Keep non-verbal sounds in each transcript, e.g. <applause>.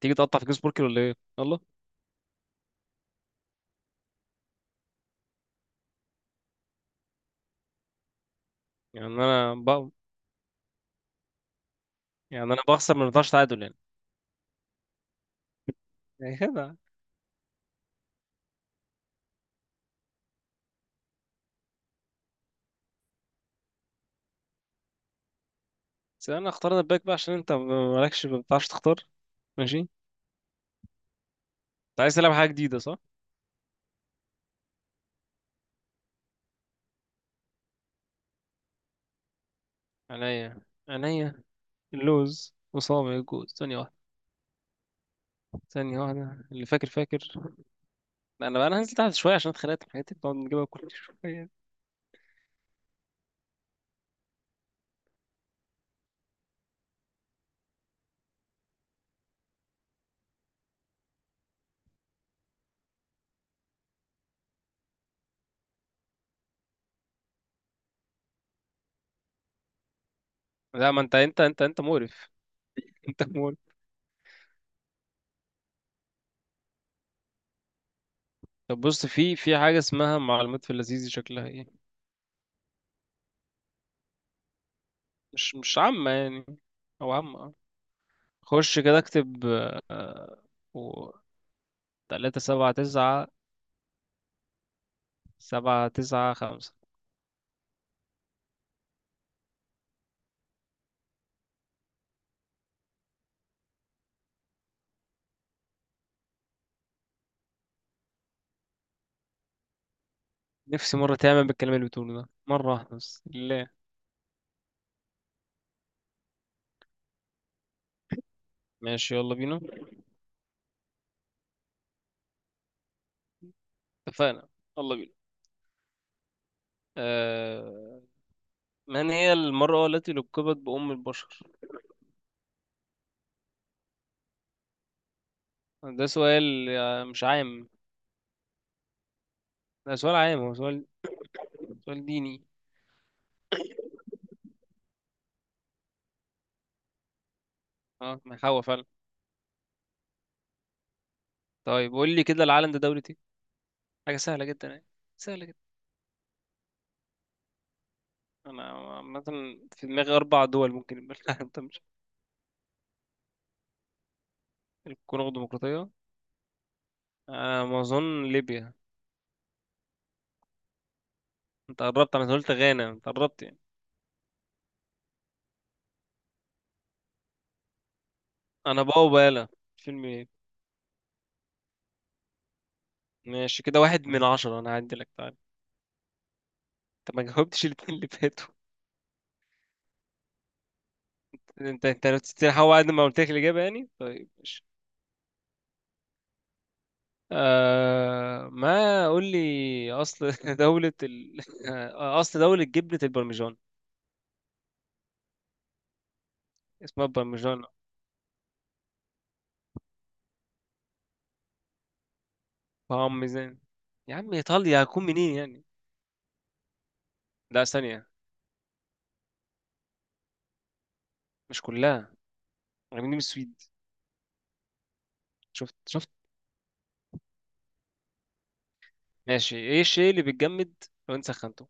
تيجي تقطع في جيمس بوركر ولا ايه؟ يلا. يعني انا ب... يعني انا بخسر، ما بنفعش تعادل يعني. يعني كده. بس انا اخترنا الباك بقى عشان انت مالكش، ما بتعرفش تختار. ماشي. انت عايز تلعب حاجه جديده صح؟ عينيا، عينيا. اللوز وصابع الجوز، ثانيه واحده. ثانيه واحده، اللي فاكر فاكر. لا، انا بقى انا هنزل تحت شويه، عشان اتخانقت في حياتي بنقعد نجيبها كل شويه. لا، ما انت مقرف. <laughs> انت مقرف. طب بص، في حاجه اسمها معلومات في اللذيذ، شكلها ايه؟ مش عامه يعني، او عامه. خش كده اكتب. تلاتة سبعة تسعة. سبعة تسعة خمسة. نفسي مرة تعمل بالكلام اللي بتقوله ده مرة واحدة بس لله. ماشي، يلا بينا. اتفقنا. يلا بينا. أه... من هي المرأة التي لقبت بأم البشر؟ ده سؤال مش عام. ده سؤال عام، هو سؤال. سؤال ديني. اه، ما هو فعلا. طيب قول لي كده، العالم ده دولة ايه؟ حاجة سهلة جدا يعني. سهلة جدا. أنا عامة في دماغي أربع دول ممكن يبقى العالم ده <laughs> مش. الكونغو الديمقراطية. أنا ما أظن ليبيا. أنت قربت، أنا قلت غانا، أنت قربت يعني. انا بقى وبالا. فيلم ايه؟ ماشي كده، واحد من عشرة، انا هعدي لك تعالى. انت ما جاوبتش الاتنين اللي فاتوا. انت لو تستريح هو بعد ما قلت لك الاجابه يعني، طيب ماشي. آه، ما قول لي اصل <laughs> آه، اصل دولة جبنة البرمجان. اسمها برمجان. بارميزان. يا عم ايطاليا، هكون منين يعني؟ لا ثانية. مش كلها، غير من السويد. شفت، شفت. ماشي، ايه الشيء اللي بيتجمد لو انت سخنته؟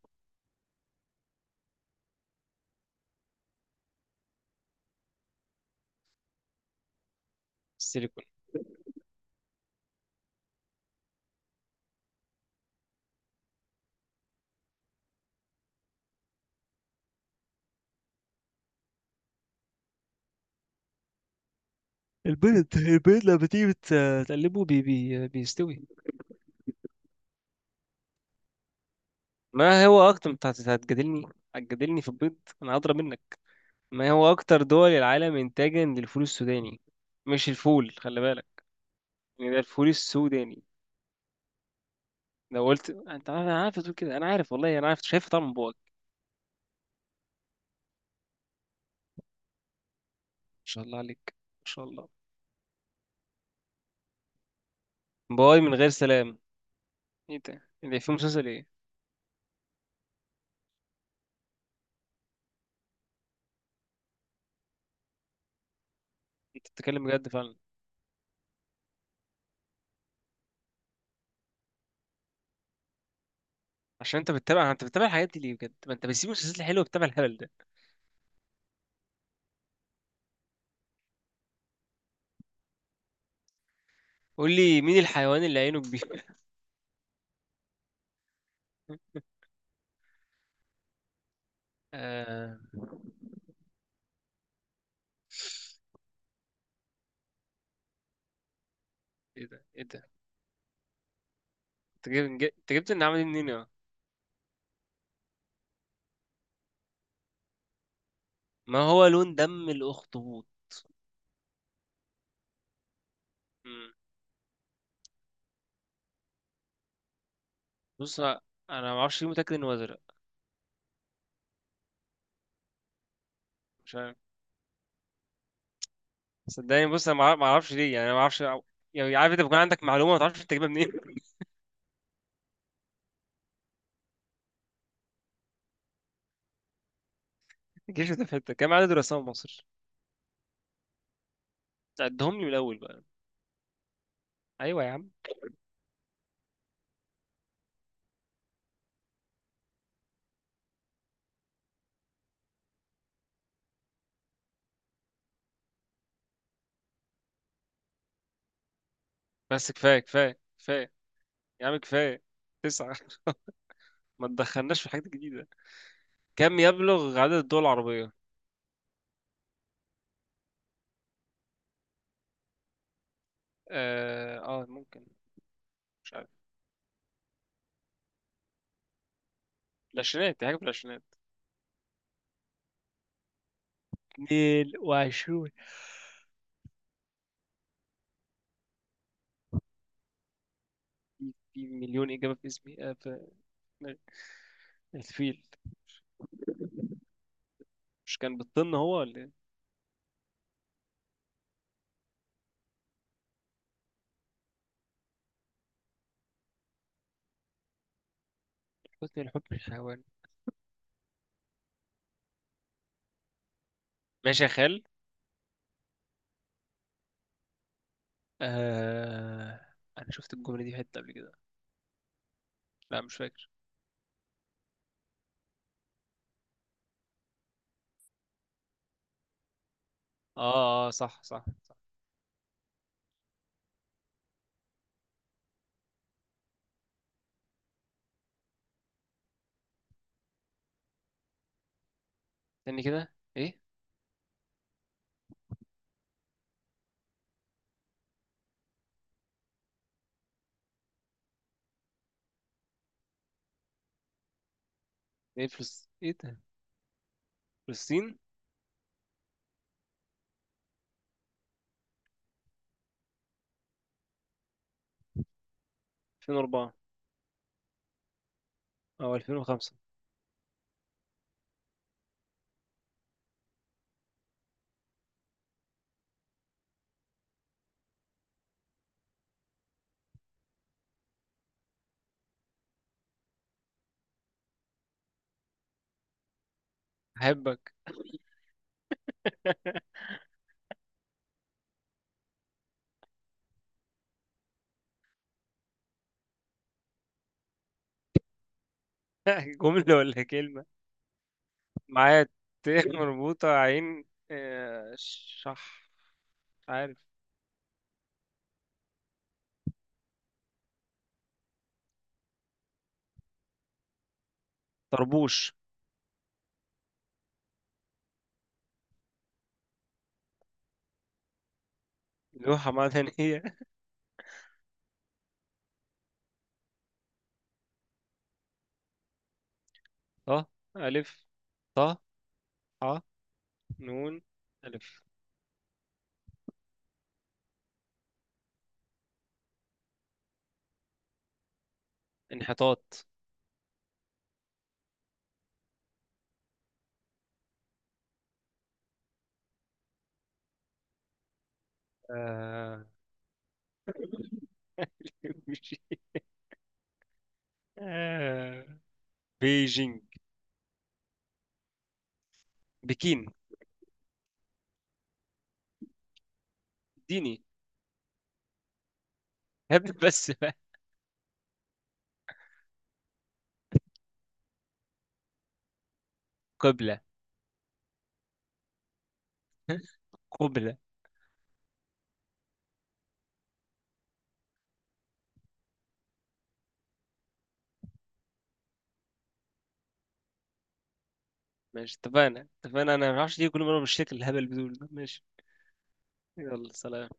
السيليكون. البيض، البيض لما تيجي تقلبه بي بي بيستوي. ما هو اكتر، انت هتجادلني. هتجادلني في البيض، انا هضرب منك. ما هو اكتر دول العالم انتاجا للفول السوداني؟ مش الفول، خلي بالك. يعني ده الفول السوداني. لو قلت انت انا عارف، تقول كده انا عارف، والله انا عارف شايف طعم بواقي. ما شاء الله عليك، ما شاء الله. بواقي من غير سلام. ايه ده اللي فيه؟ مسلسل ايه؟ انت بتتكلم بجد فعلا؟ عشان انت بتتابع، بتتابع الحاجات دي ليه بجد؟ ما انت بتسيب المسلسلات الحلوه بتتابع الهبل ده. قول لي، مين الحيوان اللي عينه كبيره؟ آه... ايه ده، ايه ده؟ انت جبت، جبت النعمة دي منين يا؟ ما هو لون دم الاخطبوط؟ مم. بص انا ما اعرفش ليه، متاكد انه ازرق. مش عارف، صدقني. بص انا ما اعرفش ليه يعني، أنا ما اعرفش. يعني عارف، انت بيكون عندك معلومه ما تعرفش تجيبها منين. <laughs> جيش متفتت، كام عدد الرسام في مصر؟ عدهم لي من الاول بقى. ايوه يا عم. بس كفايه كفايه كفايه. يا عم كفايه. تسعه. <laughs> ما تدخلناش في حاجات جديده. كم يبلغ عدد الدول العربيه؟ اه, آه ممكن. مش عارف. العشرينات، دي حاجه في العشرينات. 22. في في مليون إجابة في اسمي، في دماغي. الفيل. مش كان بالطن هو ولا إيه؟ حسني الحب الحيوان. ماشي يا خال. آه... أنا شفت الجملة دي في حتة قبل كده. لا مش فاكر. آه آه، صح صح صح. استني كده. إيه؟ إيه إيه ده؟ فلسطين. 2004. أو 2005. أحبك. <laughs> جملة ولا كلمة؟ معايا. ت مربوطة عين. آه، شح. مش عارف. طربوش. لوحة معدنية. ط، ألف، ط، ح، نون، ألف. انحطاط. آه... <laughs> آه، بيجينج. بكين. اديني. هبل. <laughs> بس بقى. قبلة. قبلة. ماشي، اتفقنا اتفقنا. انا ما اعرفش ليه كل مرة بالشكل الهبل بدول ده. ماشي، يلا سلام.